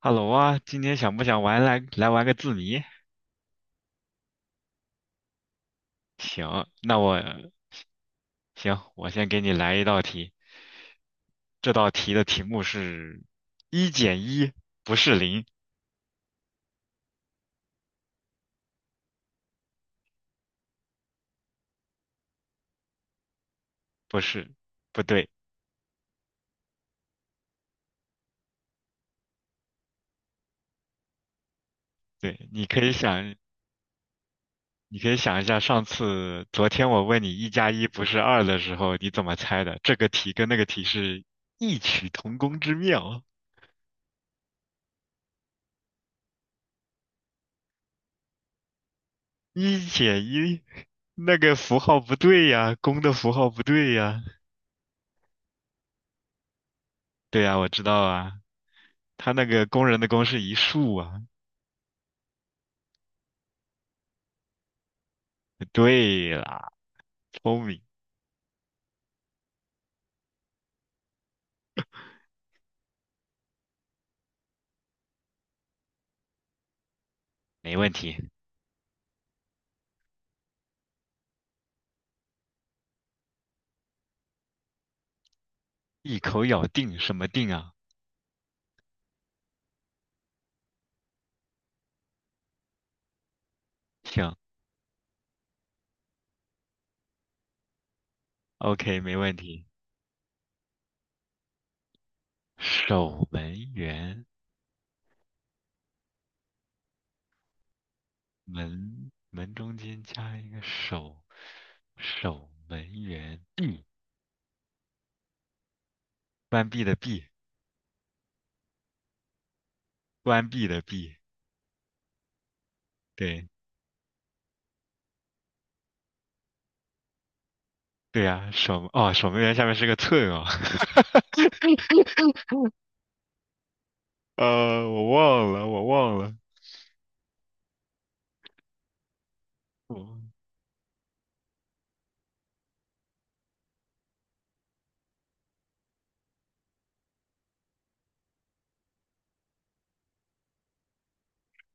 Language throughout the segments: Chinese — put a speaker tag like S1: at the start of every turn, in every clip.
S1: 哈喽啊，今天想不想玩来来玩个字谜？行，那我行，我先给你来一道题。这道题的题目是一减一不是零，不是，不对，对，你可以想，你可以想一下，上次昨天我问你一加一不是二的时候，你怎么猜的？这个题跟那个题是异曲同工之妙，一减一，那个符号不对呀，公的符号不对呀，对呀，我知道啊。他那个工人的工是一竖啊。对啦，聪明，没问题。一口咬定什么定啊？行，OK，没问题。守门员，门门中间加一个守，守门员，闭，关闭的闭，关闭的闭。对对呀，守哦，守门员下面是个寸哦。呃，我忘了，我忘了，我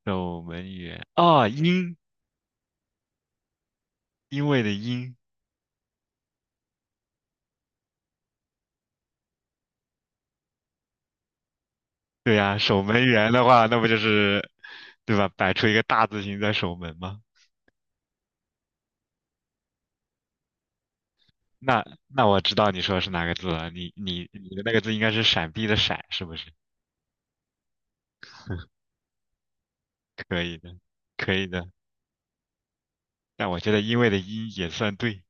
S1: 守门员啊，因为的因。对呀，守门员的话，那不就是，对吧？摆出一个大字形在守门吗？那那我知道你说的是哪个字了，你的那个字应该是闪避的闪，是不是？可以的，可以的。但我觉得因为的因也算对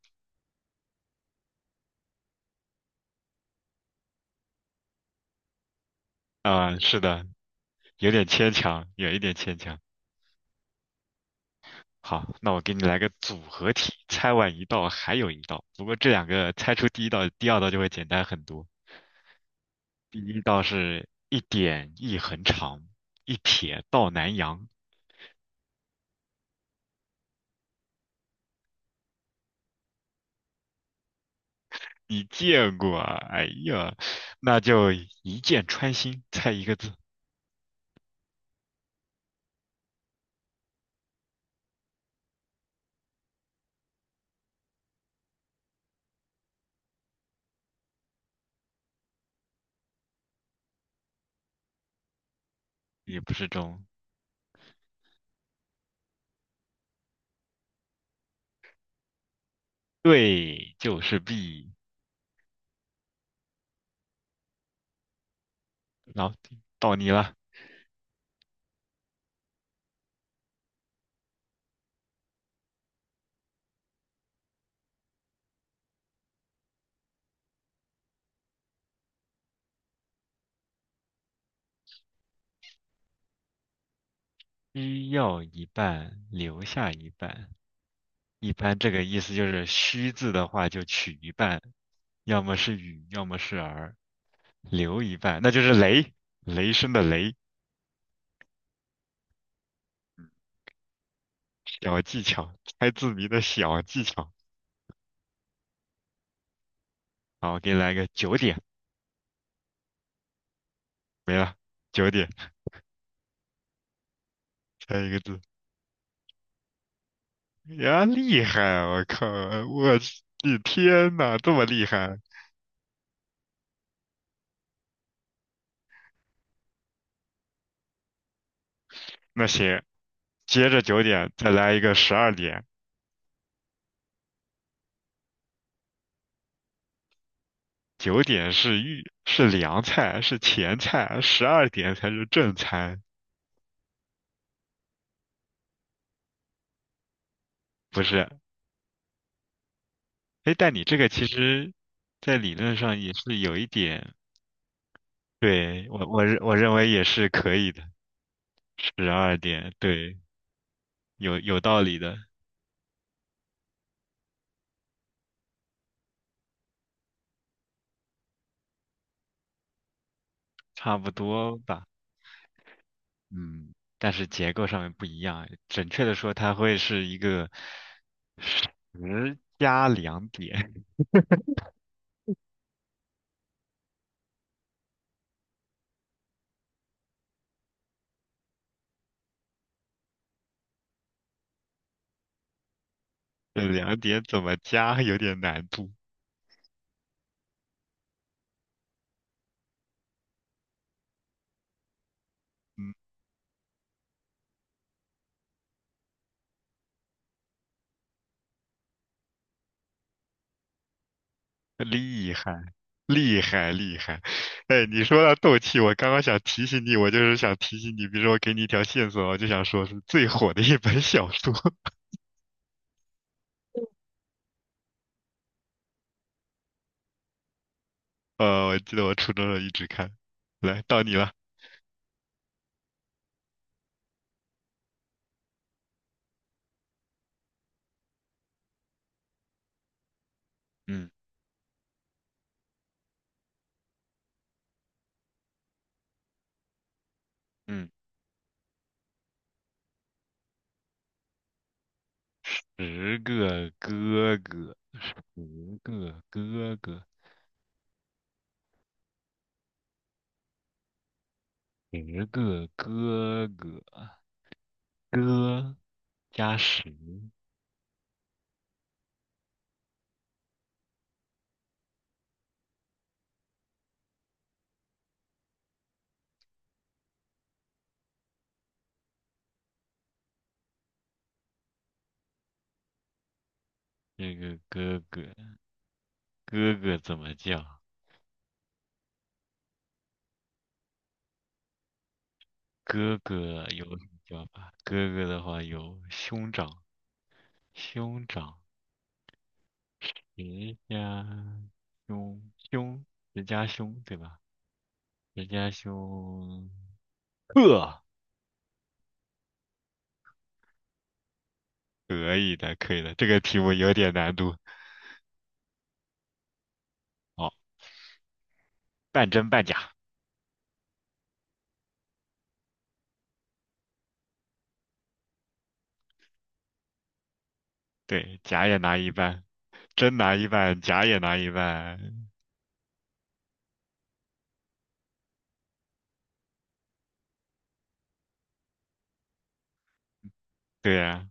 S1: 啊，是的，有点牵强，有一点牵强。好，那我给你来个组合题，猜完一道还有一道，不过这两个猜出第一道、第二道就会简单很多。第一道是一点一横长，一撇到南阳。你见过啊？哎呀，那就一箭穿心，猜一个字，也不是中，对，就是 B。然后到你了，需要一半，留下一半。一般这个意思就是虚字的话就取一半，要么是雨，要么是儿，留一半，那就是雷，雷声的雷。小技巧，猜字谜的小技巧。好，我给你来个九点，没了，九点，猜一个字。呀，厉害啊！我靠，我的天呐，这么厉害！那行，接着九点再来一个十二点。九点是预是凉菜是前菜，十二点才是正餐。不是，哎，但你这个其实，在理论上也是有一点，对，我认为也是可以的。十二点，对，有道理的，差不多吧。嗯，但是结构上面不一样。准确的说，它会是一个。十加两点，这两点怎么加有点难度。嗯，厉害，厉害，厉害。哎，你说到斗气，我刚刚想提醒你，我就是想提醒你，比如说我给你一条线索，我就想说是最火的一本小说。呃，我记得我初中的时候一直看。来，到你了。嗯嗯，十个哥哥，十个哥哥，十个哥哥，哥加十，这个哥哥。哥哥怎么叫？哥哥有什么叫法？哥哥的话有兄长，兄长，十家兄兄，人家兄，对吧？人家兄，呵，可以的，可以的，这个题目有点难度。哦，半真半假，对，假也拿一半，真拿一半，假也拿一半，对呀，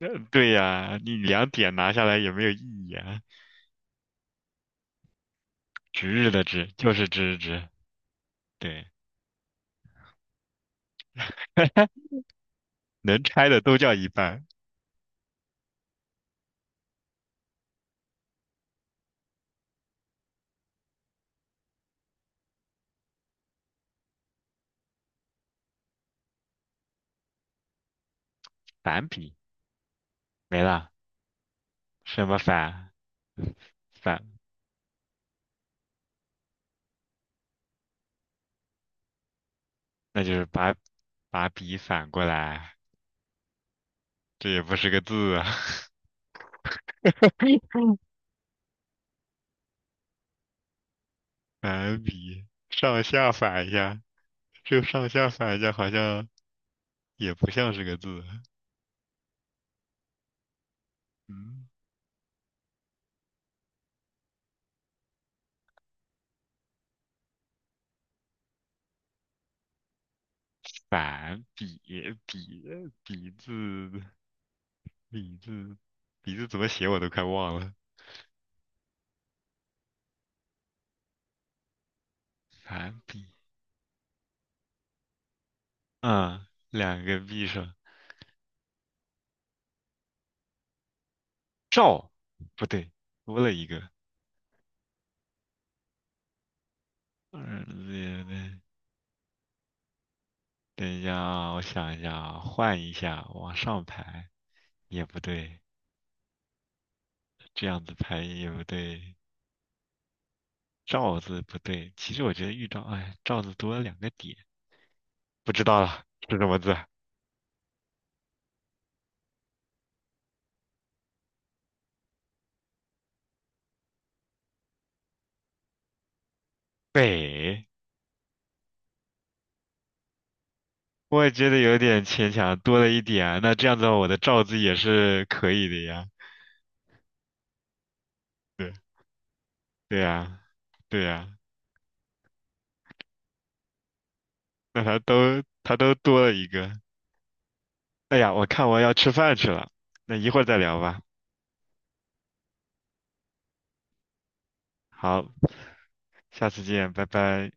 S1: 呃对呀，你两点拿下来也没有意义啊。值日的值就是值日值，对。能拆的都叫一半，反比没了，什么反反，那就是把把笔反过来，这也不是个字啊，反比上下反一下，就上下反一下好像也不像是个字，嗯，反比字比字比字怎么写我都快忘了，反比，嗯，两个匕首，照，不对，多了一个，嗯，等一下啊，我想一下啊，换一下，往上排也不对，这样子排也不对，罩字不对。其实我觉得玉罩，哎，罩字多了两个点，不知道了，是什么字？北，我也觉得有点牵强，多了一点啊。那这样子的话我的罩字也是可以的呀。对，对呀，对呀，那他都多了一个。哎呀，我看我要吃饭去了，那一会儿再聊吧。好，下次见，拜拜。